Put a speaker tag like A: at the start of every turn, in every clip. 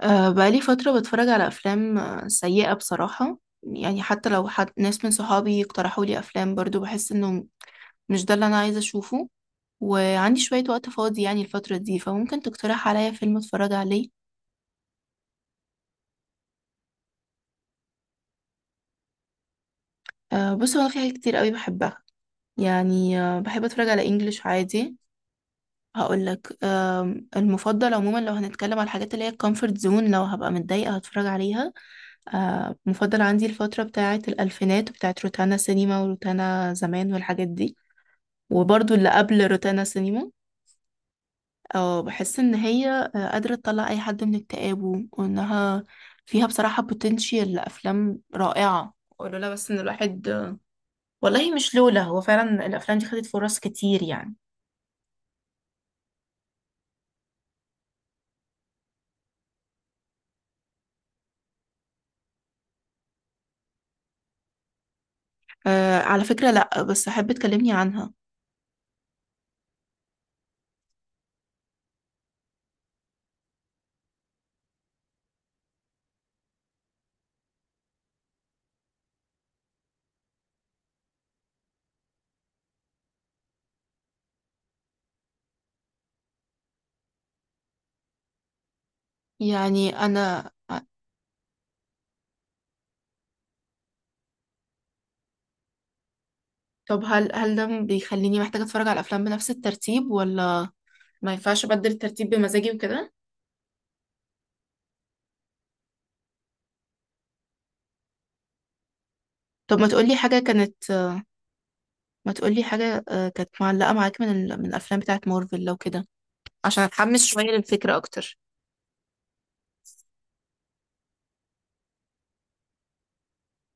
A: بقالي فترة بتفرج على أفلام سيئة بصراحة، يعني حتى لو حد ناس من صحابي اقترحوا لي أفلام برضو بحس إنه مش ده اللي أنا عايزة أشوفه. وعندي شوية وقت فاضي يعني الفترة دي، فممكن تقترح عليا فيلم أتفرج عليه. بص، هو أنا في حاجات كتير قوي بحبها. يعني بحب أتفرج على إنجليش عادي. هقول لك المفضل عموما، لو هنتكلم على الحاجات اللي هي الكومفورت زون لو هبقى متضايقة هتفرج عليها. مفضل عندي الفترة بتاعة الألفينات وبتاعة روتانا سينما وروتانا زمان والحاجات دي، وبرضو اللي قبل روتانا سينما. أو بحس إن هي قادرة تطلع أي حد من اكتئابه، وإنها فيها بصراحة بوتنشال لأفلام رائعة. ولولا بس إن الواحد، والله مش لولا، هو فعلا الأفلام دي خدت فرص كتير يعني. أه على فكرة لأ، بس أحب تكلمني عنها. يعني انا. طب هل ده بيخليني محتاجة اتفرج على الافلام بنفس الترتيب، ولا ما ينفعش ابدل الترتيب بمزاجي وكده. طب ما تقولي حاجة كانت معلقة معاك من الافلام بتاعت مارفل لو كده، عشان اتحمس شوية للفكرة اكتر.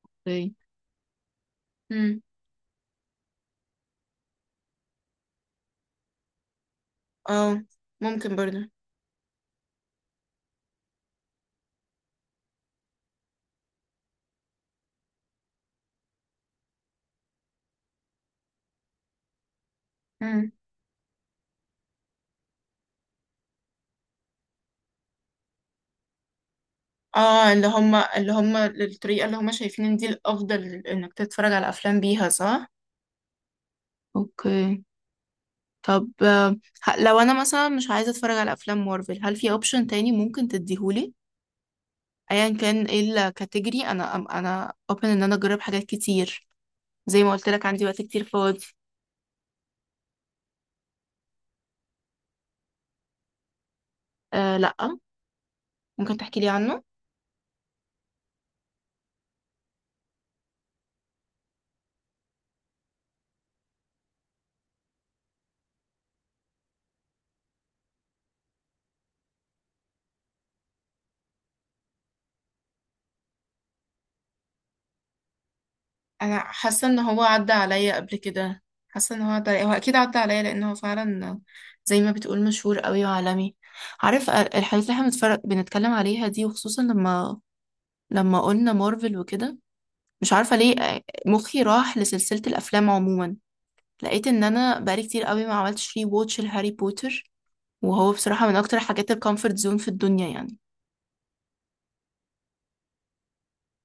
A: اوكي. امم. اه. ممكن برضه. امم. اه، اللي هما الطريقة اللي هما شايفين ان دي الافضل انك تتفرج على افلام بيها، صح. اوكي. طب لو انا مثلا مش عايزه اتفرج على افلام مارفل، هل في اوبشن تاني ممكن تديهولي ايا كان ايه الكاتيجوري؟ انا اوبن ان انا اجرب حاجات كتير، زي ما قلت لك عندي وقت كتير فاضي. أه لا، ممكن تحكي لي عنه. انا حاسه ان هو عدى عليا قبل كده، حاسه ان هو عدى عليا، هو اكيد عدى عليا لان هو فعلا زي ما بتقول مشهور قوي وعالمي. عارف، الحاجات اللي احنا بنتكلم عليها دي، وخصوصا لما قلنا مارفل وكده. مش عارفة ليه مخي راح لسلسلة الأفلام عموما. لقيت إن أنا بقالي كتير قوي ما عملتش ري ووتش لهاري بوتر، وهو بصراحة من أكتر حاجات الكومفورت زون في الدنيا يعني.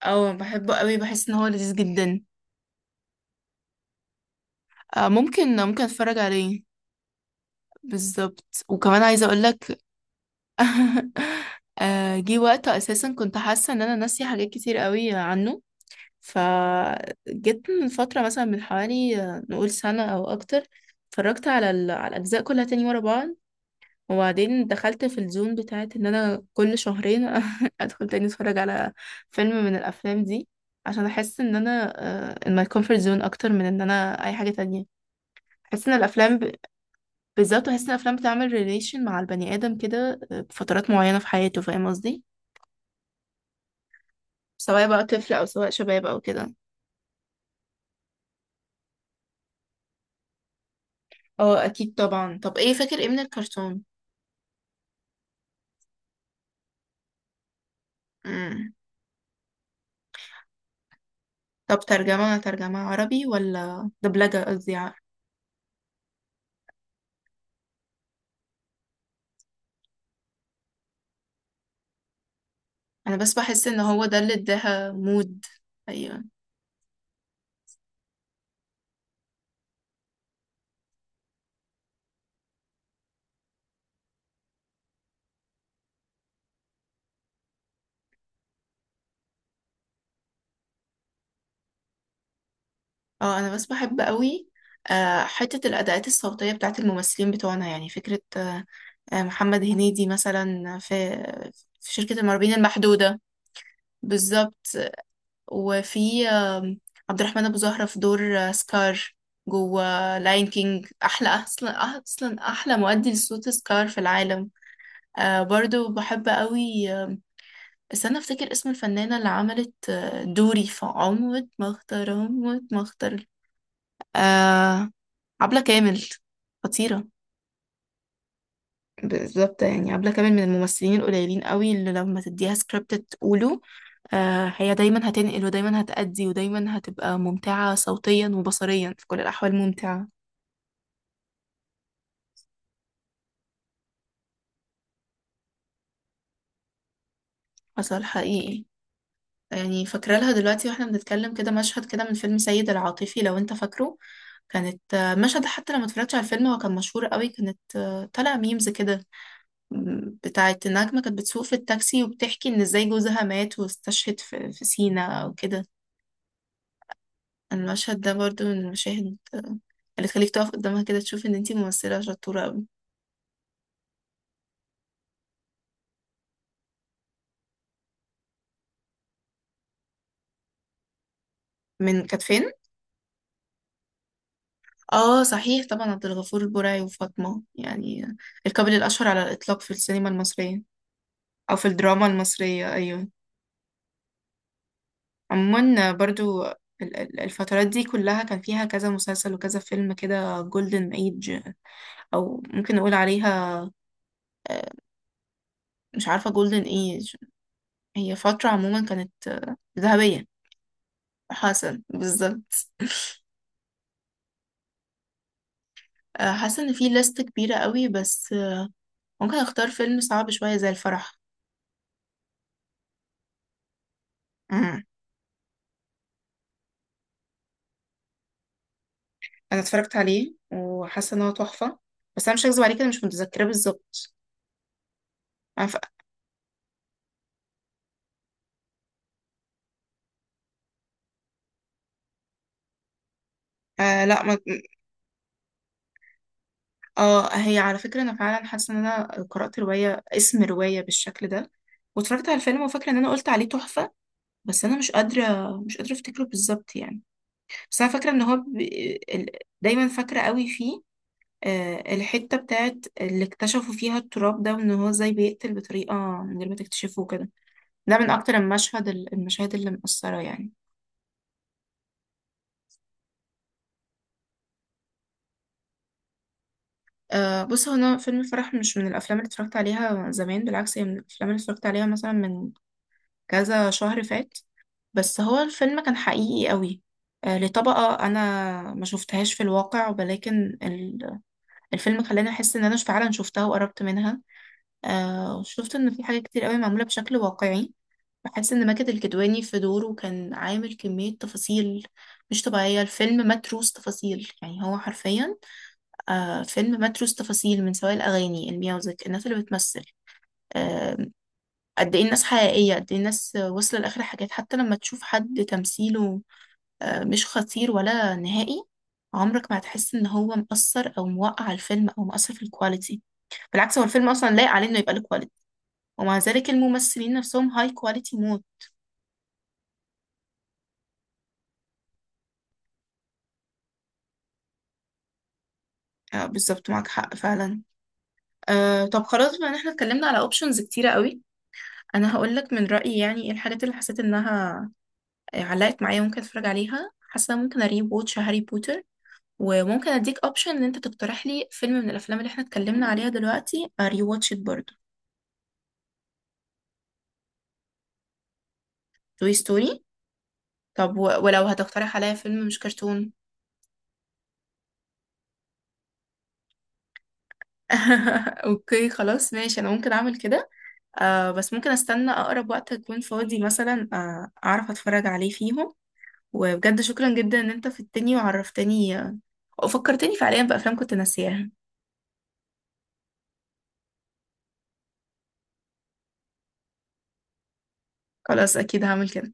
A: اه بحبه قوي، بحس إن هو لذيذ جدا. ممكن أتفرج عليه. بالظبط، وكمان عايزة أقولك جه وقت أساسا كنت حاسة إن أنا ناسية حاجات كتير قوي عنه. فجيت من فترة مثلا من حوالي نقول سنة أو أكتر، اتفرجت على الأجزاء كلها تاني ورا بعض. وبعدين دخلت في الزون بتاعت ان انا كل شهرين ادخل تاني اتفرج على فيلم من الافلام دي، عشان احس ان انا ان my comfort zone اكتر من ان انا اي حاجة تانية. احس ان الافلام بالذات، احس ان الافلام بتعمل ريليشن مع البني ادم كده بفترات معينة في حياته، فاهم قصدي؟ سواء بقى طفل او سواء شباب او كده. اه اكيد طبعا، طب ايه فاكر ايه من الكرتون؟ امم. طب ترجمة عربي ولا دبلجة، قصدي انا بس بحس ان هو ده اللي اداها مود. ايوه. اه انا بس بحب قوي حتة الأداءات الصوتية بتاعت الممثلين بتوعنا، يعني فكرة محمد هنيدي مثلا في شركة المرعبين المحدودة. بالظبط. وفي عبد الرحمن أبو زهرة في دور سكار جوه لاين كينج، أحلى أصلا، أصلا أحلى مؤدي لصوت سكار في العالم. برضو بحب قوي استنى أفتكر اسم الفنانة اللي عملت دوري في عمود ما اختار، عمود ما اختار. آه عبلة كامل، خطيرة. بالظبط، يعني عبلة كامل من الممثلين القليلين قوي اللي لما تديها سكريبت تقوله. هي دايما هتنقل، ودايما هتأدي، ودايما هتبقى ممتعة صوتيا وبصريا، في كل الأحوال ممتعة. حصل حقيقي. يعني فاكرة لها دلوقتي واحنا بنتكلم كده مشهد كده من فيلم سيد العاطفي، لو انت فاكره. كانت مشهد حتى لما اتفرجتش على الفيلم هو كان مشهور قوي، كانت طالع ميمز كده بتاعة النجمة، كانت بتسوق في التاكسي وبتحكي إن إزاي جوزها مات واستشهد في سينا أو كده. المشهد ده برضو من المشاهد اللي تخليك تقف قدامها كده تشوف إن انتي ممثلة شطورة أوي. من كانت فين؟ اه صحيح طبعا، عبد الغفور البرعي وفاطمة، يعني الكابل الأشهر على الإطلاق في السينما المصرية، أو في الدراما المصرية أيوه. عموما برضو الفترات دي كلها كان فيها كذا مسلسل وكذا فيلم كده، جولدن ايج أو ممكن نقول عليها آه، مش عارفة، جولدن ايج هي فترة عموما كانت ذهبية. حسن بالظبط. حاسة ان في لست كبيرة قوي، بس ممكن اختار فيلم صعب شوية زي الفرح. مم. انا اتفرجت عليه وحاسة ان هو تحفة، بس انا مش هكذب عليك انا مش متذكرة بالظبط. أنا ف... آه لا، ما... اه هي على فكرة انا فعلا حاسة ان انا قرأت رواية اسم رواية بالشكل ده، واتفرجت على الفيلم وفاكرة ان انا قلت عليه تحفة، بس انا مش قادرة مش قادرة افتكره بالظبط يعني. بس انا فاكرة ان هو دايما فاكرة قوي فيه الحتة بتاعت اللي اكتشفوا فيها التراب ده، وان هو ازاي بيقتل بطريقة من غير ما تكتشفه كده. ده من اكتر المشاهد اللي مأثرة يعني. بص، هو انا فيلم الفرح مش من الافلام اللي اتفرجت عليها زمان، بالعكس هي من الافلام اللي اتفرجت عليها مثلا من كذا شهر فات. بس هو الفيلم كان حقيقي قوي. لطبقة انا ما شفتهاش في الواقع، ولكن الفيلم خلاني احس ان انا فعلا شفتها وقربت منها. شفت ان في حاجات كتير قوي معمولة بشكل واقعي، بحس ان ماجد الكدواني في دوره كان عامل كمية تفاصيل مش طبيعية. الفيلم متروس تفاصيل يعني هو حرفيا فيلم متروس تفاصيل، من سواء الأغاني الميوزك، الناس اللي بتمثل آه قد ايه الناس حقيقية، قد ايه الناس وصل لآخر حاجات، حتى لما تشوف حد تمثيله مش خطير ولا نهائي، عمرك ما هتحس ان هو مؤثر او موقع الفيلم او مؤثر في الكواليتي. بالعكس هو الفيلم اصلا لايق عليه انه يبقى له كواليتي، ومع ذلك الممثلين نفسهم هاي كواليتي مود. بالظبط، معاك حق فعلا. طب خلاص بما ان احنا اتكلمنا على اوبشنز كتيرة قوي، انا هقول لك من رأيي يعني ايه الحاجات اللي حسيت انها علقت معايا وممكن اتفرج عليها. حاسة ممكن اري ووتش هاري بوتر، وممكن اديك اوبشن ان انت تقترح لي فيلم من الافلام اللي احنا اتكلمنا عليها دلوقتي اري واتش برضه. توي ستوري. طب ولو هتقترح عليا فيلم مش كرتون اوكي خلاص ماشي، انا ممكن اعمل كده. بس ممكن استنى اقرب وقت اكون فاضي، مثلا اعرف اتفرج عليه فيهم. وبجد شكرا جدا ان انت في التاني وعرفتني، فكرتني فعليا بأفلام كنت ناسياها. خلاص أكيد هعمل كده.